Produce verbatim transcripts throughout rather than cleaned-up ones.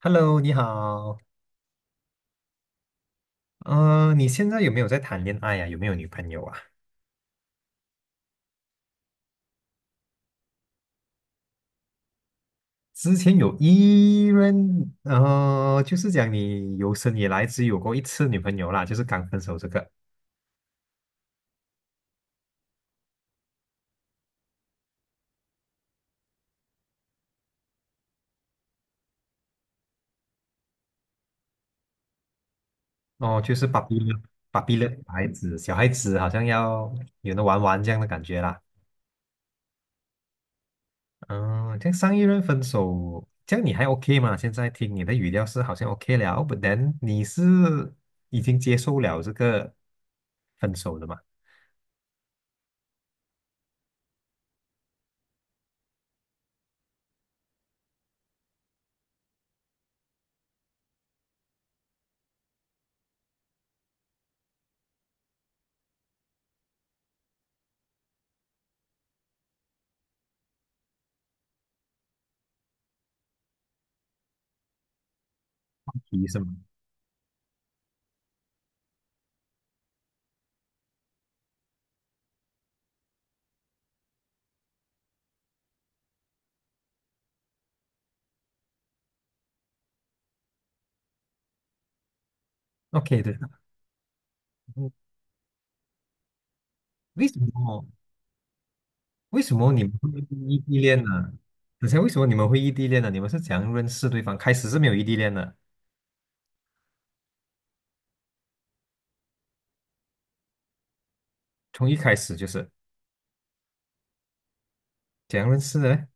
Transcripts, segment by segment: Hello，你好。嗯呃，你现在有没有在谈恋爱呀、有没有女朋友啊？之前有一任，呃，就是讲你有生以来只有过一次女朋友啦，就是刚分手这个。哦，就是芭比了，芭比了，小孩子，小孩子好像要有的玩玩这样的感觉啦。嗯、这样上一任分手，这样你还 OK 吗？现在听你的语调是好像 OK 了，but then 你是已经接受了这个分手的嘛？提是吗？OK 的，嗯为什么？为什么你们会异地恋呢？等下，为什么你们会异地恋呢？你们是怎样认识对方？开始是没有异地恋的，从一开始就是怎样认识的嘞？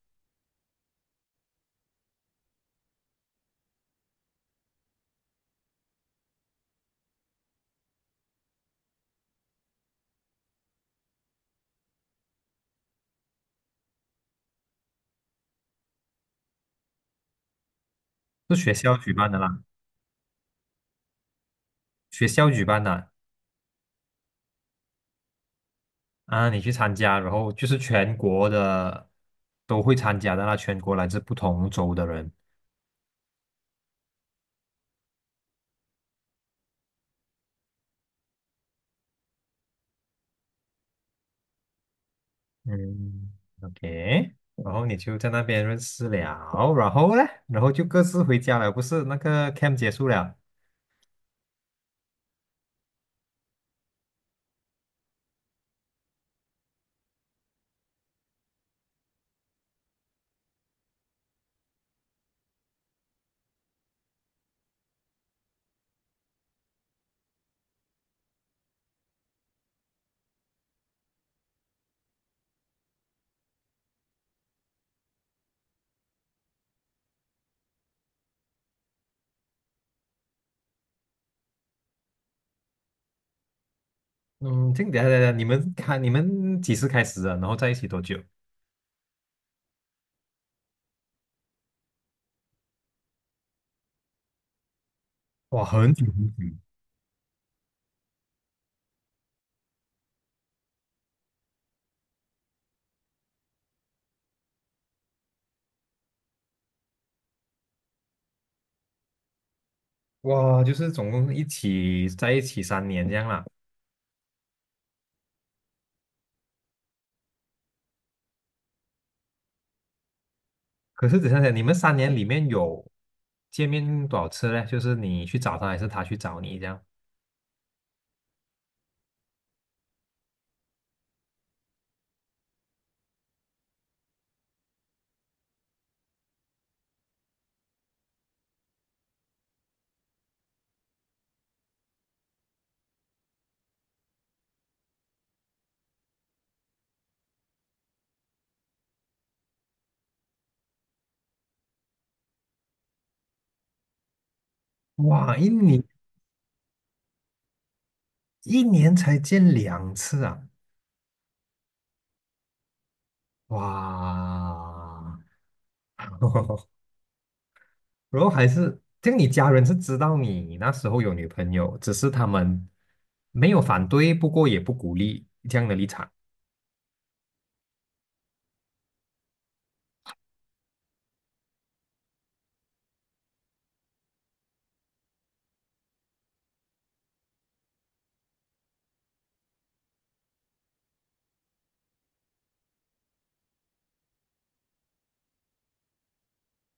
是学校举办的啦，学校举办的啊，你去参加，然后就是全国的都会参加的啦，全国来自不同州的人。嗯，OK,然后你就在那边认识了，然后嘞，然后就各自回家了，不是那个 camp 结束了。嗯，这个等一下等一下，你们开你们几时开始的？然后在一起多久？哇，很久很久，哇，就是总共一起在一起三年这样啦。可是只想想你们三年里面有见面多少次嘞？就是你去找他，还是他去找你这样？哇，一年一年才见两次啊！哇，然后还是，这样你家人是知道你那时候有女朋友，只是他们没有反对，不过也不鼓励这样的立场。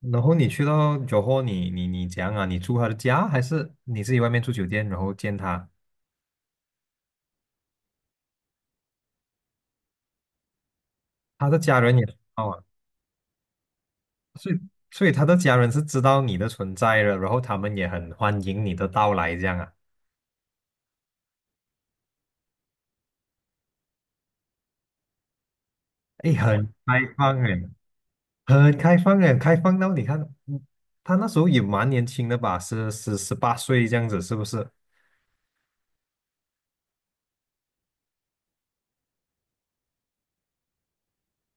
然后你去到酒后，你你你怎样啊？你住他的家，还是你自己外面住酒店，然后见他？他的家人也知道啊，所以所以他的家人是知道你的存在的，然后他们也很欢迎你的到来，这样啊？哎，很开放哎，很开放哎，开放到你看，嗯他那时候也蛮年轻的吧，是十十八岁这样子，是不是？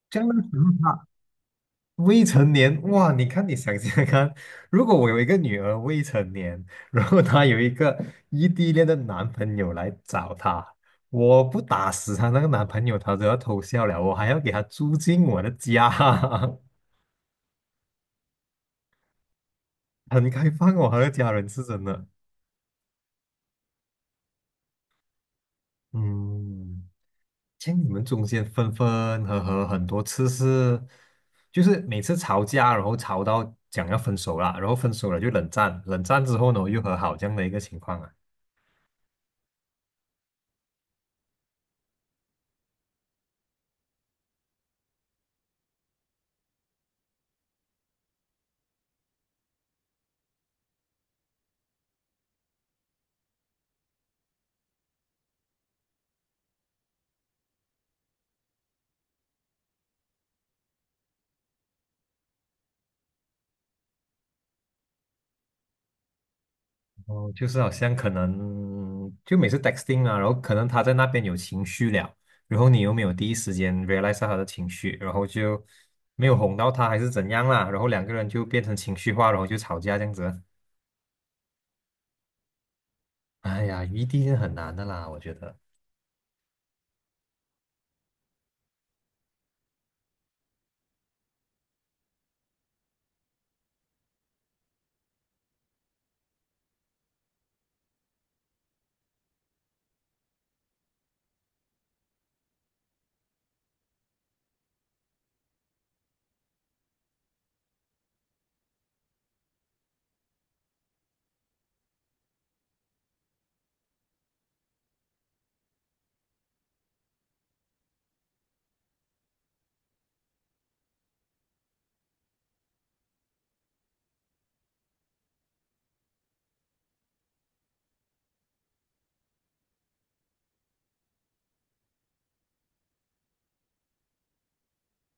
这样的时候他。未成年，哇！你看，你想想看，如果我有一个女儿未成年，然后她有一个异地恋的男朋友来找她，我不打死她那个男朋友，她都要偷笑了。我还要给她租进我的家，很开放哦，她的家人是真的。嗯，像你们中间分分合合很多次是，就是每次吵架，然后吵到讲要分手了，然后分手了就冷战，冷战之后呢又和好这样的一个情况啊。哦，就是好像可能就每次 texting 啊，然后可能他在那边有情绪了，然后你又没有第一时间 realize 到他的情绪，然后就没有哄到他还是怎样啦，然后两个人就变成情绪化，然后就吵架这样子。哎呀，异地是很难的啦，我觉得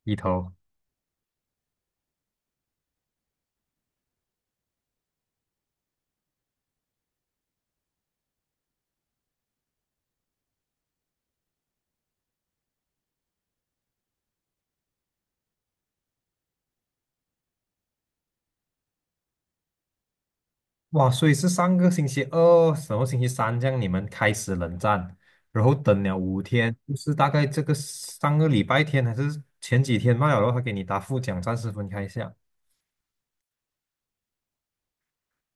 一头哇，所以是上个星期二，什么星期三这样你们开始冷战，然后等了五天，就是大概这个上个礼拜天还是前几天罢了，然后他给你答复讲暂时分开一下。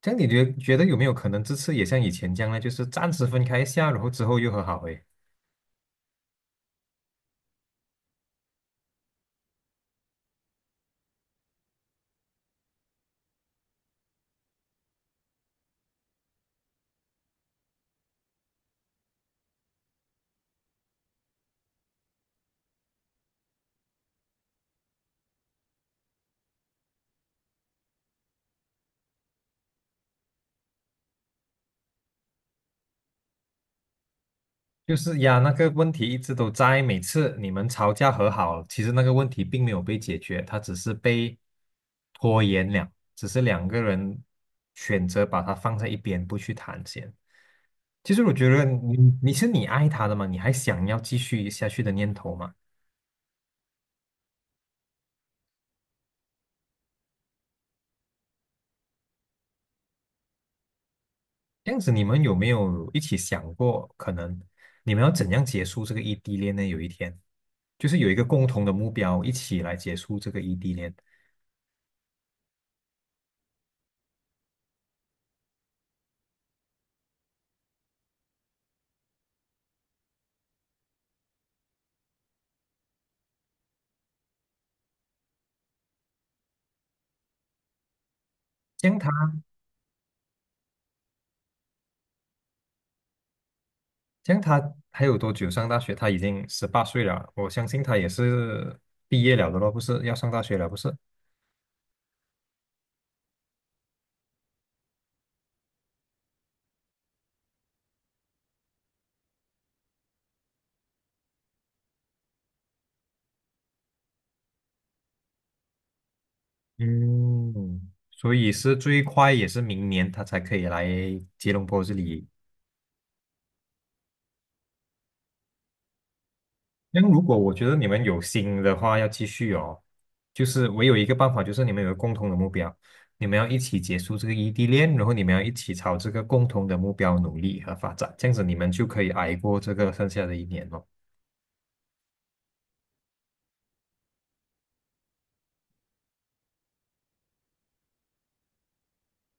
这样你觉觉得有没有可能这次也像以前这样呢？就是暂时分开一下，然后之后又和好？诶，就是呀，那个问题一直都在，每次你们吵架和好，其实那个问题并没有被解决，它只是被拖延了，只是两个人选择把它放在一边不去谈先。其实我觉得你你是你爱他的嘛，你还想要继续下去的念头嘛？这样子，你们有没有一起想过，可能你们要怎样结束这个异地恋呢？有一天，就是有一个共同的目标，一起来结束这个异地恋。这他，这他还有多久上大学？他已经十八岁了，我相信他也是毕业了的咯，不是要上大学了，不是？嗯，所以是最快也是明年他才可以来吉隆坡这里。那如果我觉得你们有心的话，要继续哦，就是我有一个办法，就是你们有个共同的目标，你们要一起结束这个异地恋，然后你们要一起朝这个共同的目标努力和发展，这样子你们就可以挨过这个剩下的一年哦。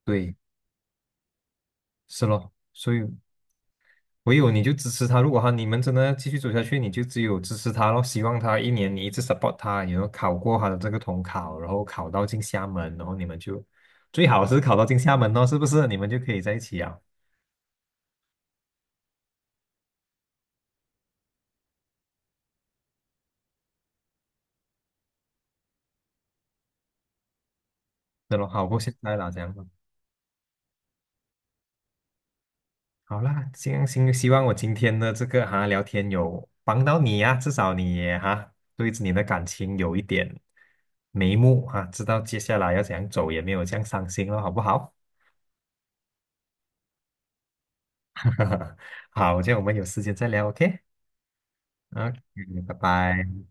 对，是咯，所以唯有你就支持他，如果他你们真的要继续走下去，你就只有支持他咯，希望他一年你一直 support 他，然后考过他的这个统考，然后考到进厦门，然后你们就最好是考到进厦门哦，是不是？你们就可以在一起啊。那么好过现在啦，这样子。好啦，行行，希望我今天的这个哈聊天有帮到你呀、至少你也哈对你的感情有一点眉目啊，知道接下来要怎样走，也没有这样伤心了，好不好？好，这样我们有时间再聊，OK？OK,拜拜。